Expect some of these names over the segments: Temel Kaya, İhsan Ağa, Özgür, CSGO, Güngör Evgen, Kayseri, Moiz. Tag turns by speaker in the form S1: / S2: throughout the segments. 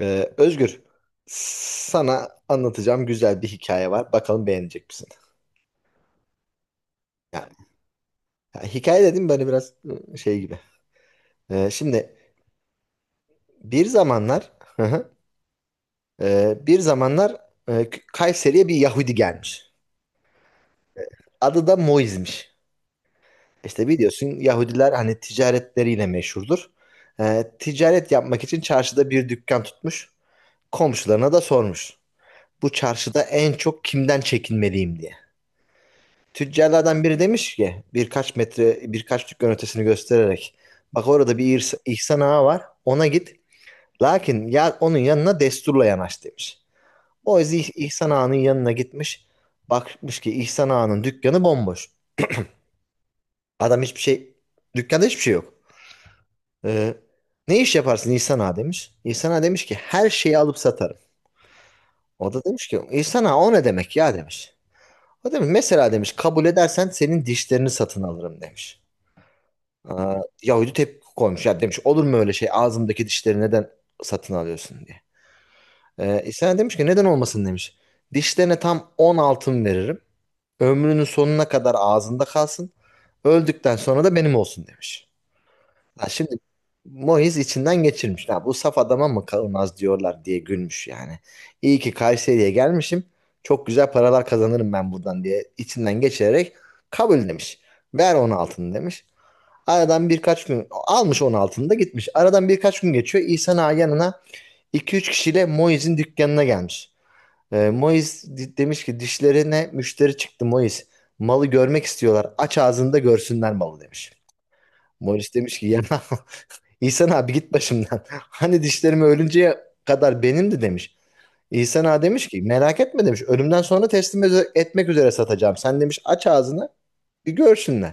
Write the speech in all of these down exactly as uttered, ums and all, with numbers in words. S1: Ee, Özgür, sana anlatacağım güzel bir hikaye var. Bakalım beğenecek misin? Yani, ya hikaye dedim böyle biraz ıı, şey gibi. Ee, şimdi bir zamanlar hı hı, ee, bir zamanlar e, K- Kayseri'ye bir Yahudi gelmiş. Adı da Moiz'miş. İşte biliyorsun Yahudiler hani ticaretleriyle meşhurdur. Ee, ticaret yapmak için çarşıda bir dükkan tutmuş. Komşularına da sormuş. Bu çarşıda en çok kimden çekinmeliyim diye. Tüccarlardan biri demiş ki birkaç metre birkaç dükkan ötesini göstererek bak orada bir İhs- İhsan Ağa var, ona git, lakin ya onun yanına desturla yanaş demiş. O yüzden İh- İhsan Ağa'nın yanına gitmiş, bakmış ki İhsan Ağa'nın dükkanı bomboş. Adam hiçbir şey, dükkanda hiçbir şey yok. Ee, ne iş yaparsın İhsan Ağa demiş. İhsan Ağa demiş ki her şeyi alıp satarım. O da demiş ki İhsan Ağa o ne demek ya demiş. O demiş mesela demiş kabul edersen senin dişlerini satın alırım demiş. Aa, Yahudi tepki koymuş. Ya demiş olur mu öyle şey, ağzımdaki dişleri neden satın alıyorsun diye. Ee, İsa demiş ki neden olmasın demiş. Dişlerine tam on altın veririm. Ömrünün sonuna kadar ağzında kalsın. Öldükten sonra da benim olsun demiş. Ha, şimdi Moiz içinden geçirmiş. Ha, bu saf adama mı kalmaz diyorlar diye gülmüş yani. İyi ki Kayseri'ye gelmişim. Çok güzel paralar kazanırım ben buradan diye içinden geçirerek kabul demiş. Ver on altını demiş. Aradan birkaç gün almış on altında gitmiş. Aradan birkaç gün geçiyor. İhsan Ağa yanına iki üç kişiyle Moiz'in dükkanına gelmiş. Ee, Moiz di- demiş ki dişlerine müşteri çıktı Moiz. Malı görmek istiyorlar. Aç ağzında görsünler malı demiş. Moiz demiş ki ya İhsan abi git başımdan. Hani dişlerimi ölünceye kadar benimdi demiş. İhsan Ağa demiş ki merak etme demiş. Ölümden sonra teslim ede- etmek üzere satacağım. Sen demiş aç ağzını bir görsünler.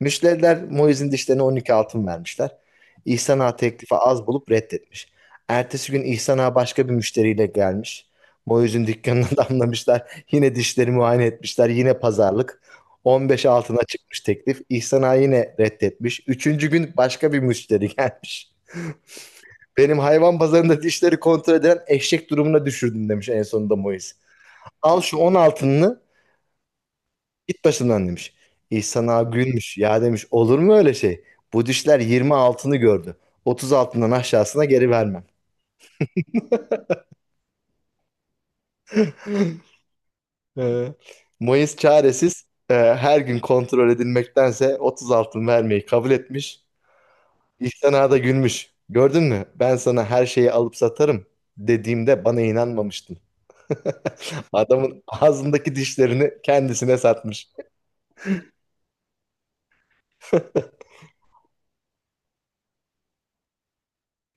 S1: Müşteriler Moise'in dişlerine on iki altın vermişler. İhsan Ağa teklifi az bulup reddetmiş. Ertesi gün İhsan Ağa başka bir müşteriyle gelmiş. Moise'in dükkanına damlamışlar. Yine dişleri muayene etmişler. Yine pazarlık. on beş altına çıkmış teklif. İhsan Ağa yine reddetmiş. Üçüncü gün başka bir müşteri gelmiş. Benim hayvan pazarında dişleri kontrol eden eşek durumuna düşürdün demiş en sonunda Moise. Al şu on altınını git başımdan demiş. İhsan ağa gülmüş. Ya demiş olur mu öyle şey? Bu dişler yirmi altını gördü. otuz altından aşağısına geri vermem. Ee, Mayıs çaresiz e, her gün kontrol edilmektense otuz altın vermeyi kabul etmiş. İhsan ağa da gülmüş. Gördün mü? Ben sana her şeyi alıp satarım dediğimde bana inanmamıştın. Adamın ağzındaki dişlerini kendisine satmış.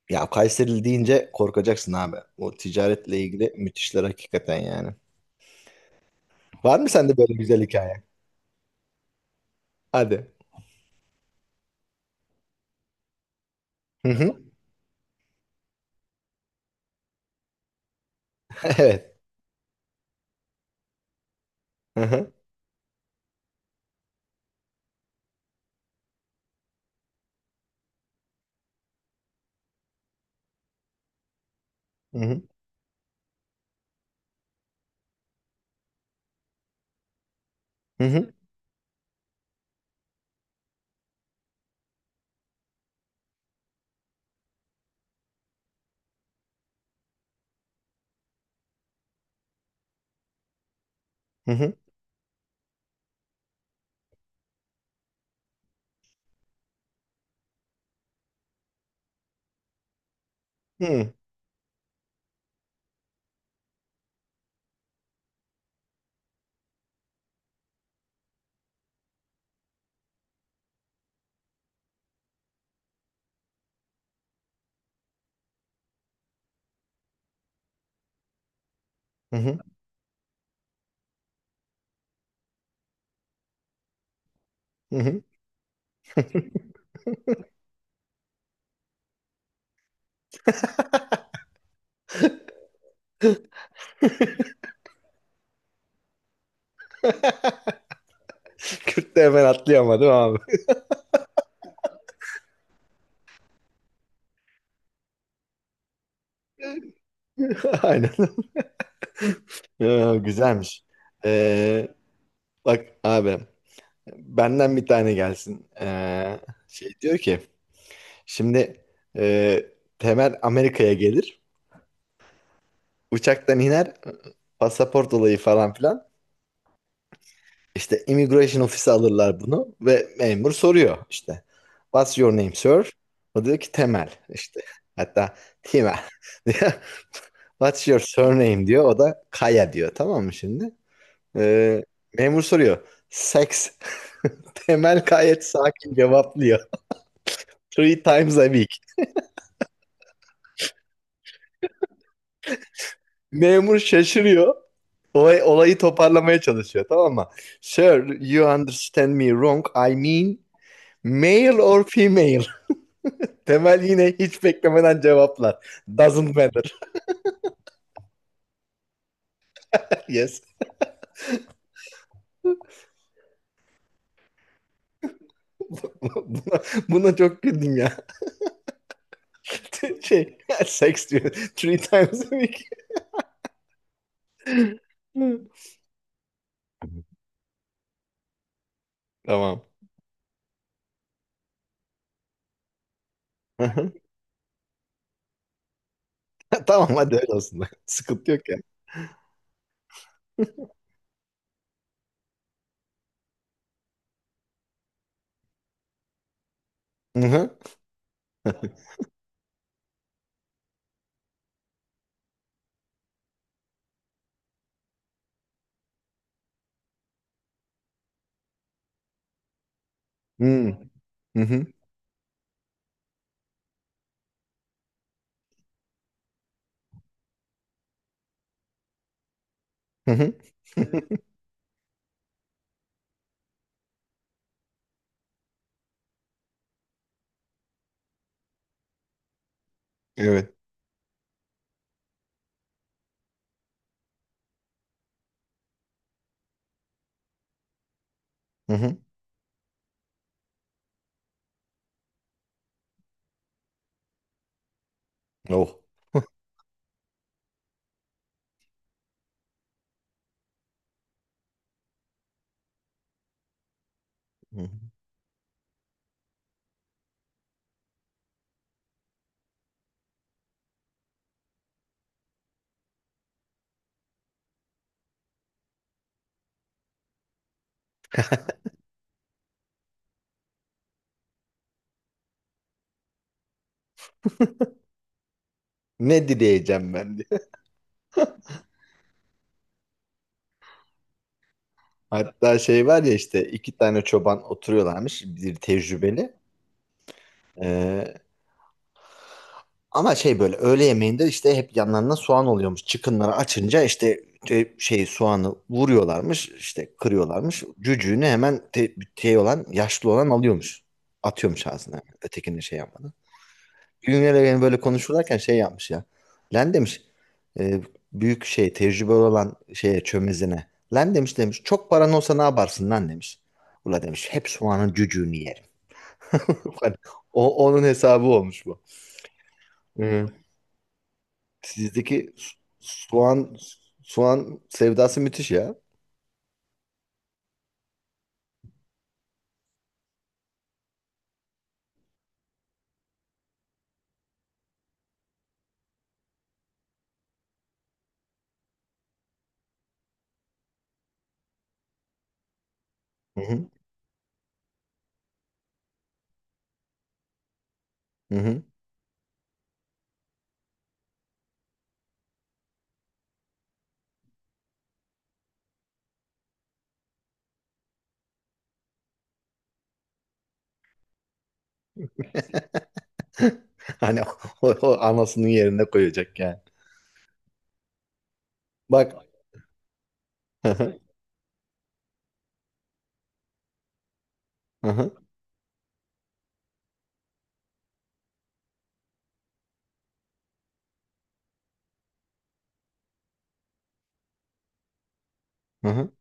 S1: Ya Kayserili deyince korkacaksın abi. O ticaretle ilgili müthişler hakikaten yani. Var mı sende böyle güzel hikaye? Hadi. Hı hı. Evet. Hı hı. Hı hı. Hı hı. Hı hı. Hı hı. Hı hı. Kürt de hemen atlıyor ama değil mi abi? Aynen. Ya, güzelmiş. Ee, bak abi, benden bir tane gelsin. Ee, şey diyor ki şimdi e, Temel Amerika'ya gelir. Uçaktan iner. Pasaport olayı falan filan. İşte immigration ofisi alırlar bunu ve memur soruyor işte. What's your name, sir? O diyor ki Temel işte. Hatta Timel diyor. What's your surname diyor. O da Kaya diyor. Tamam mı şimdi? Ee, memur soruyor. Sex. Temel gayet sakin cevaplıyor. Three times a week. Memur şaşırıyor. Olay, olayı toparlamaya çalışıyor, tamam mı? Sir, you understand me wrong. I mean male or female. Temel yine hiç beklemeden cevaplar. Doesn't matter. Yes. Buna, buna çok güldüm ya. Şey, sex diyor. Three times a week. Tamam. Tamam hadi öyle olsun. Sıkıntı yok ya. Hı hı. Hı hı. Hı hı. Evet. Hı hı. Oh. Hı hı. Ne dileyeceğim ben diye. Hatta şey var ya işte iki tane çoban oturuyorlarmış. Bir tecrübeli. Ee, Ama şey böyle öğle yemeğinde işte hep yanlarına soğan oluyormuş. Çıkınları açınca işte te- şey soğanı vuruyorlarmış, işte kırıyorlarmış. Cücüğünü hemen te, şey olan, yaşlı olan alıyormuş. Atıyormuş ağzına. Ötekini şey yapmadan. Güngör Evgen böyle konuşurlarken şey yapmış ya. Len demiş e, büyük şey, tecrübeli olan şeye, çömezine. Len demiş demiş çok paran olsa ne yaparsın lan demiş. Ula demiş hep soğanın cücüğünü yerim. O, onun hesabı olmuş bu. Hı. Sizdeki su- soğan soğan sevdası müthiş ya. Hı hı. Hı hı. Hani o, o anasının yerine koyacak yani. Bak. Hı hı. Hı hı. Hı hı.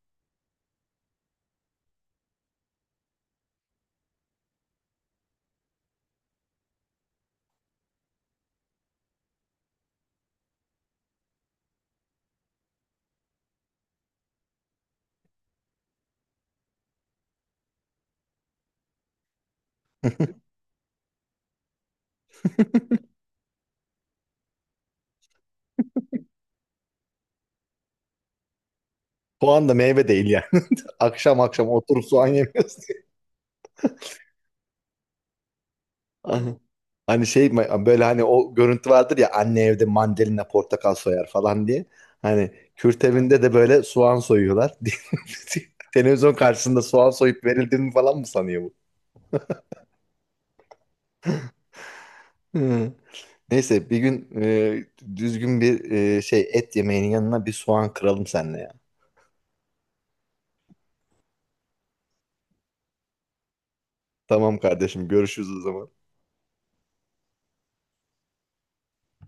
S1: Soğan da meyve değil yani. Akşam akşam oturup soğan yemiyorsun. Hı. Hani şey mi- böyle, hani o görüntü vardır ya, anne evde mandalina portakal soyar falan diye. Hani Kürt evinde de böyle soğan soyuyorlar. Televizyon karşısında soğan soyup verildiğini falan mı sanıyor bu? Hı. Neyse bir gün e, düzgün bir e, şey et yemeğinin yanına bir soğan kıralım seninle ya. Tamam kardeşim, görüşürüz o zaman.